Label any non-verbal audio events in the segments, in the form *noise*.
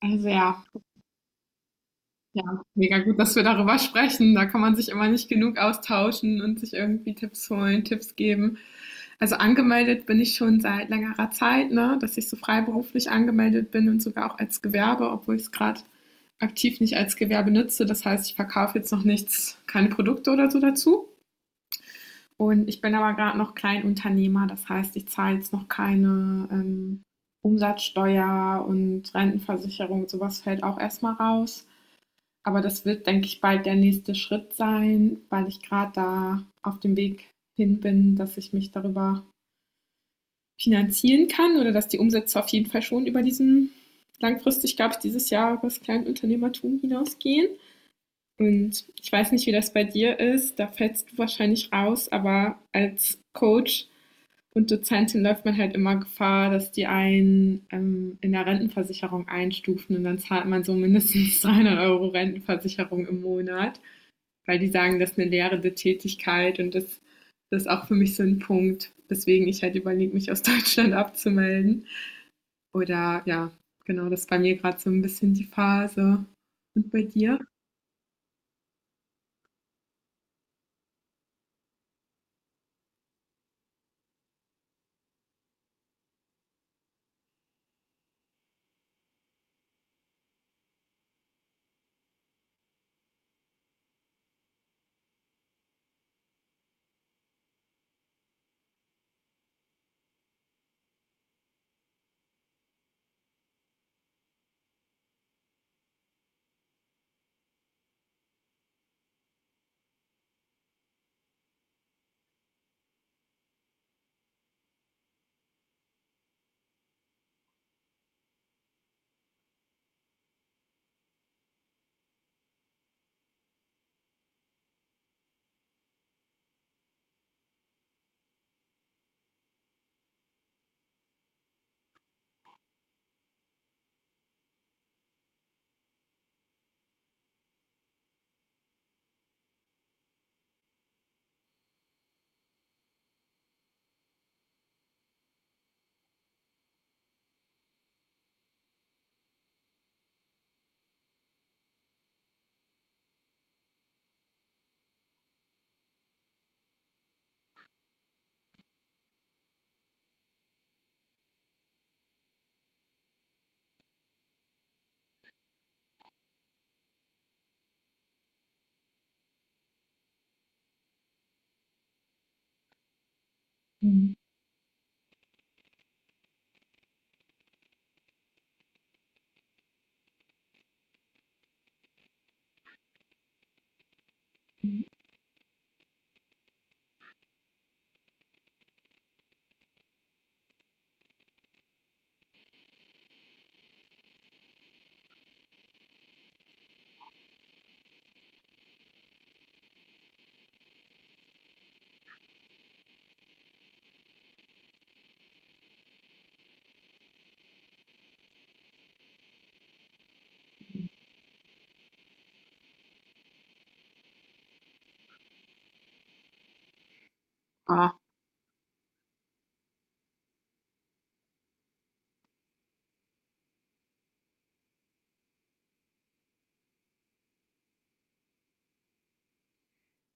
Also ja, mega gut, dass wir darüber sprechen. Da kann man sich immer nicht genug austauschen und sich irgendwie Tipps holen, Tipps geben. Also angemeldet bin ich schon seit längerer Zeit, ne, dass ich so freiberuflich angemeldet bin und sogar auch als Gewerbe, obwohl ich es gerade aktiv nicht als Gewerbe nutze. Das heißt, ich verkaufe jetzt noch nichts, keine Produkte oder so dazu. Und ich bin aber gerade noch Kleinunternehmer, das heißt, ich zahle jetzt noch keine, Umsatzsteuer und Rentenversicherung, sowas fällt auch erstmal raus. Aber das wird, denke ich, bald der nächste Schritt sein, weil ich gerade da auf dem Weg hin bin, dass ich mich darüber finanzieren kann oder dass die Umsätze auf jeden Fall schon über diesen langfristig, glaube ich, dieses Jahr über das Kleinunternehmertum hinausgehen. Und ich weiß nicht, wie das bei dir ist, da fällst du wahrscheinlich raus, aber als Coach und Dozentin läuft man halt immer Gefahr, dass die einen in der Rentenversicherung einstufen und dann zahlt man so mindestens *laughs* 300 € Rentenversicherung im Monat, weil die sagen, das ist eine lehrende Tätigkeit das ist auch für mich so ein Punkt, weswegen ich halt überlege, mich aus *laughs* Deutschland abzumelden. Oder ja, genau, das ist bei mir gerade so ein bisschen die Phase. Und bei dir? Ah.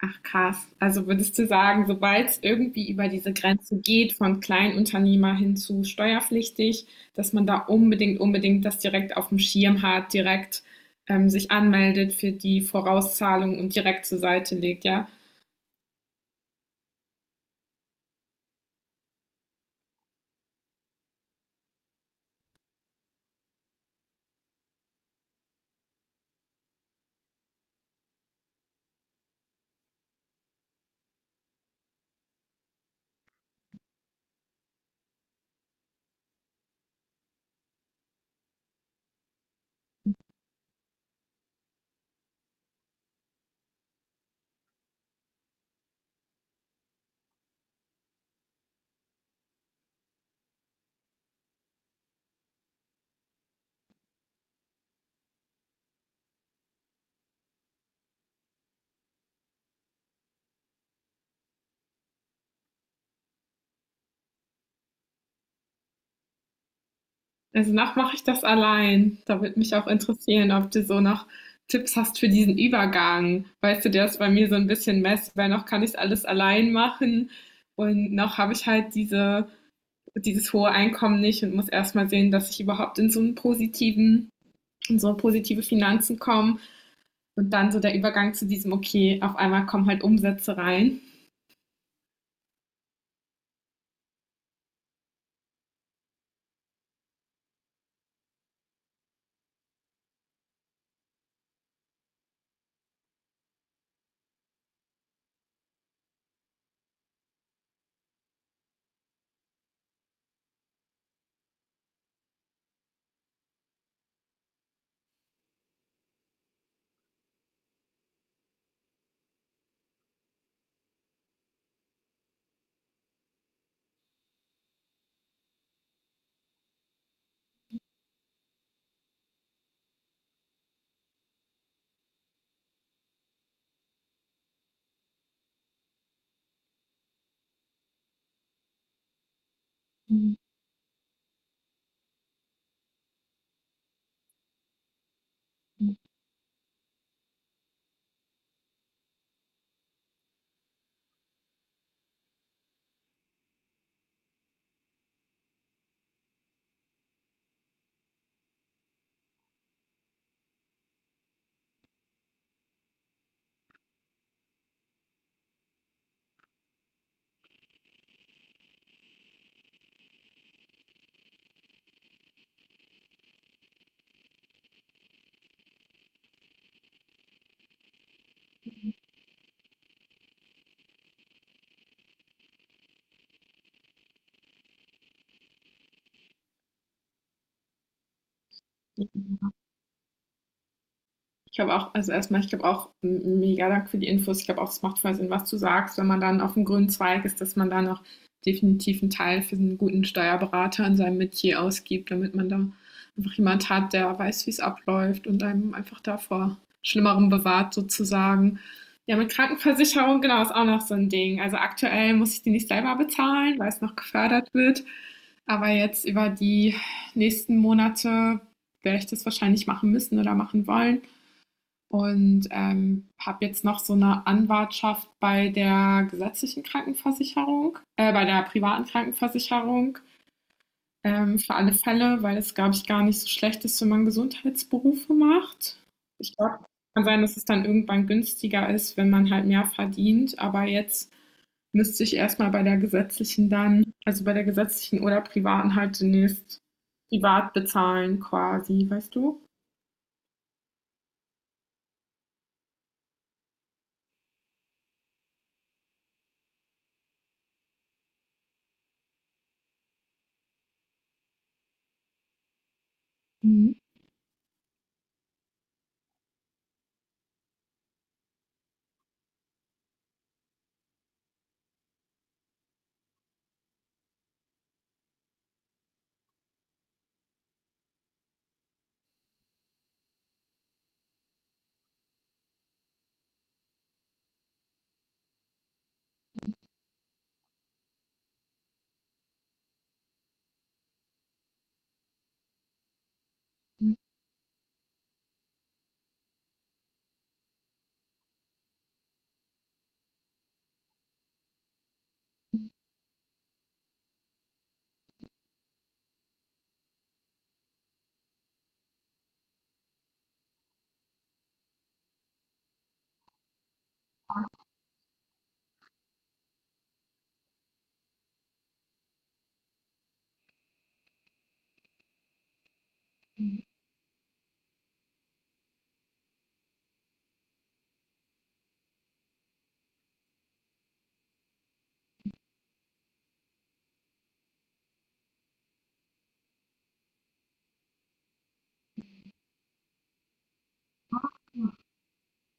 Ach krass. Also würdest du sagen, sobald es irgendwie über diese Grenze geht, von Kleinunternehmer hin zu steuerpflichtig, dass man da unbedingt das direkt auf dem Schirm hat, direkt sich anmeldet für die Vorauszahlung und direkt zur Seite legt, ja? Also noch mache ich das allein. Da würde mich auch interessieren, ob du so noch Tipps hast für diesen Übergang. Weißt du, der ist bei mir so ein bisschen Mess, weil noch kann ich alles allein machen und noch habe ich halt dieses hohe Einkommen nicht und muss erstmal sehen, dass ich überhaupt in so einen positiven, in so positive Finanzen komme und dann so der Übergang zu diesem, okay, auf einmal kommen halt Umsätze rein. Ich glaube auch, also erstmal, ich glaube auch, m- Mega Dank für die Infos. Ich glaube auch, es macht voll Sinn, was du sagst, wenn man dann auf dem grünen Zweig ist, dass man da noch definitiv einen Teil für einen guten Steuerberater in seinem Metier ausgibt, damit man da einfach jemand hat, der weiß, wie es abläuft und einem einfach davor Schlimmerem bewahrt sozusagen. Ja, mit Krankenversicherung, genau, ist auch noch so ein Ding. Also aktuell muss ich die nicht selber bezahlen, weil es noch gefördert wird. Aber jetzt über die nächsten Monate werde ich das wahrscheinlich machen müssen oder machen wollen. Und, habe jetzt noch so eine Anwartschaft bei der gesetzlichen Krankenversicherung bei der privaten Krankenversicherung, für alle Fälle, weil es, glaube ich, gar nicht so schlecht ist, wenn man Gesundheitsberufe macht. Ich glaube, kann sein, dass es dann irgendwann günstiger ist, wenn man halt mehr verdient, aber jetzt müsste ich erst mal bei der gesetzlichen dann also, bei der gesetzlichen oder privaten halt zunächst privat bezahlen quasi, weißt du? Mhm.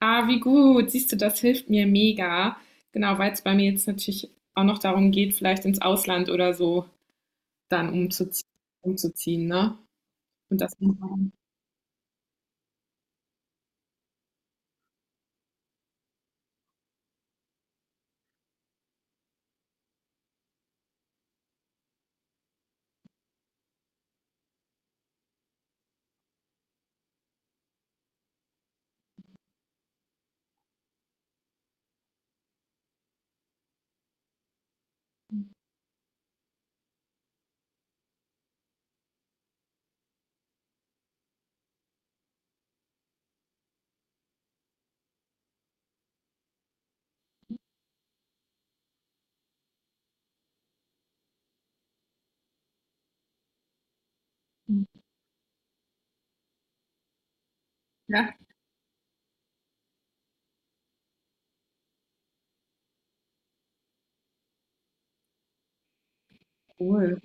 Ah, wie gut. Siehst du, das hilft mir mega. Genau, weil es bei mir jetzt natürlich auch noch darum geht, vielleicht ins Ausland oder so dann umzuziehen, umzuziehen, ne? Und das. Ja, cool.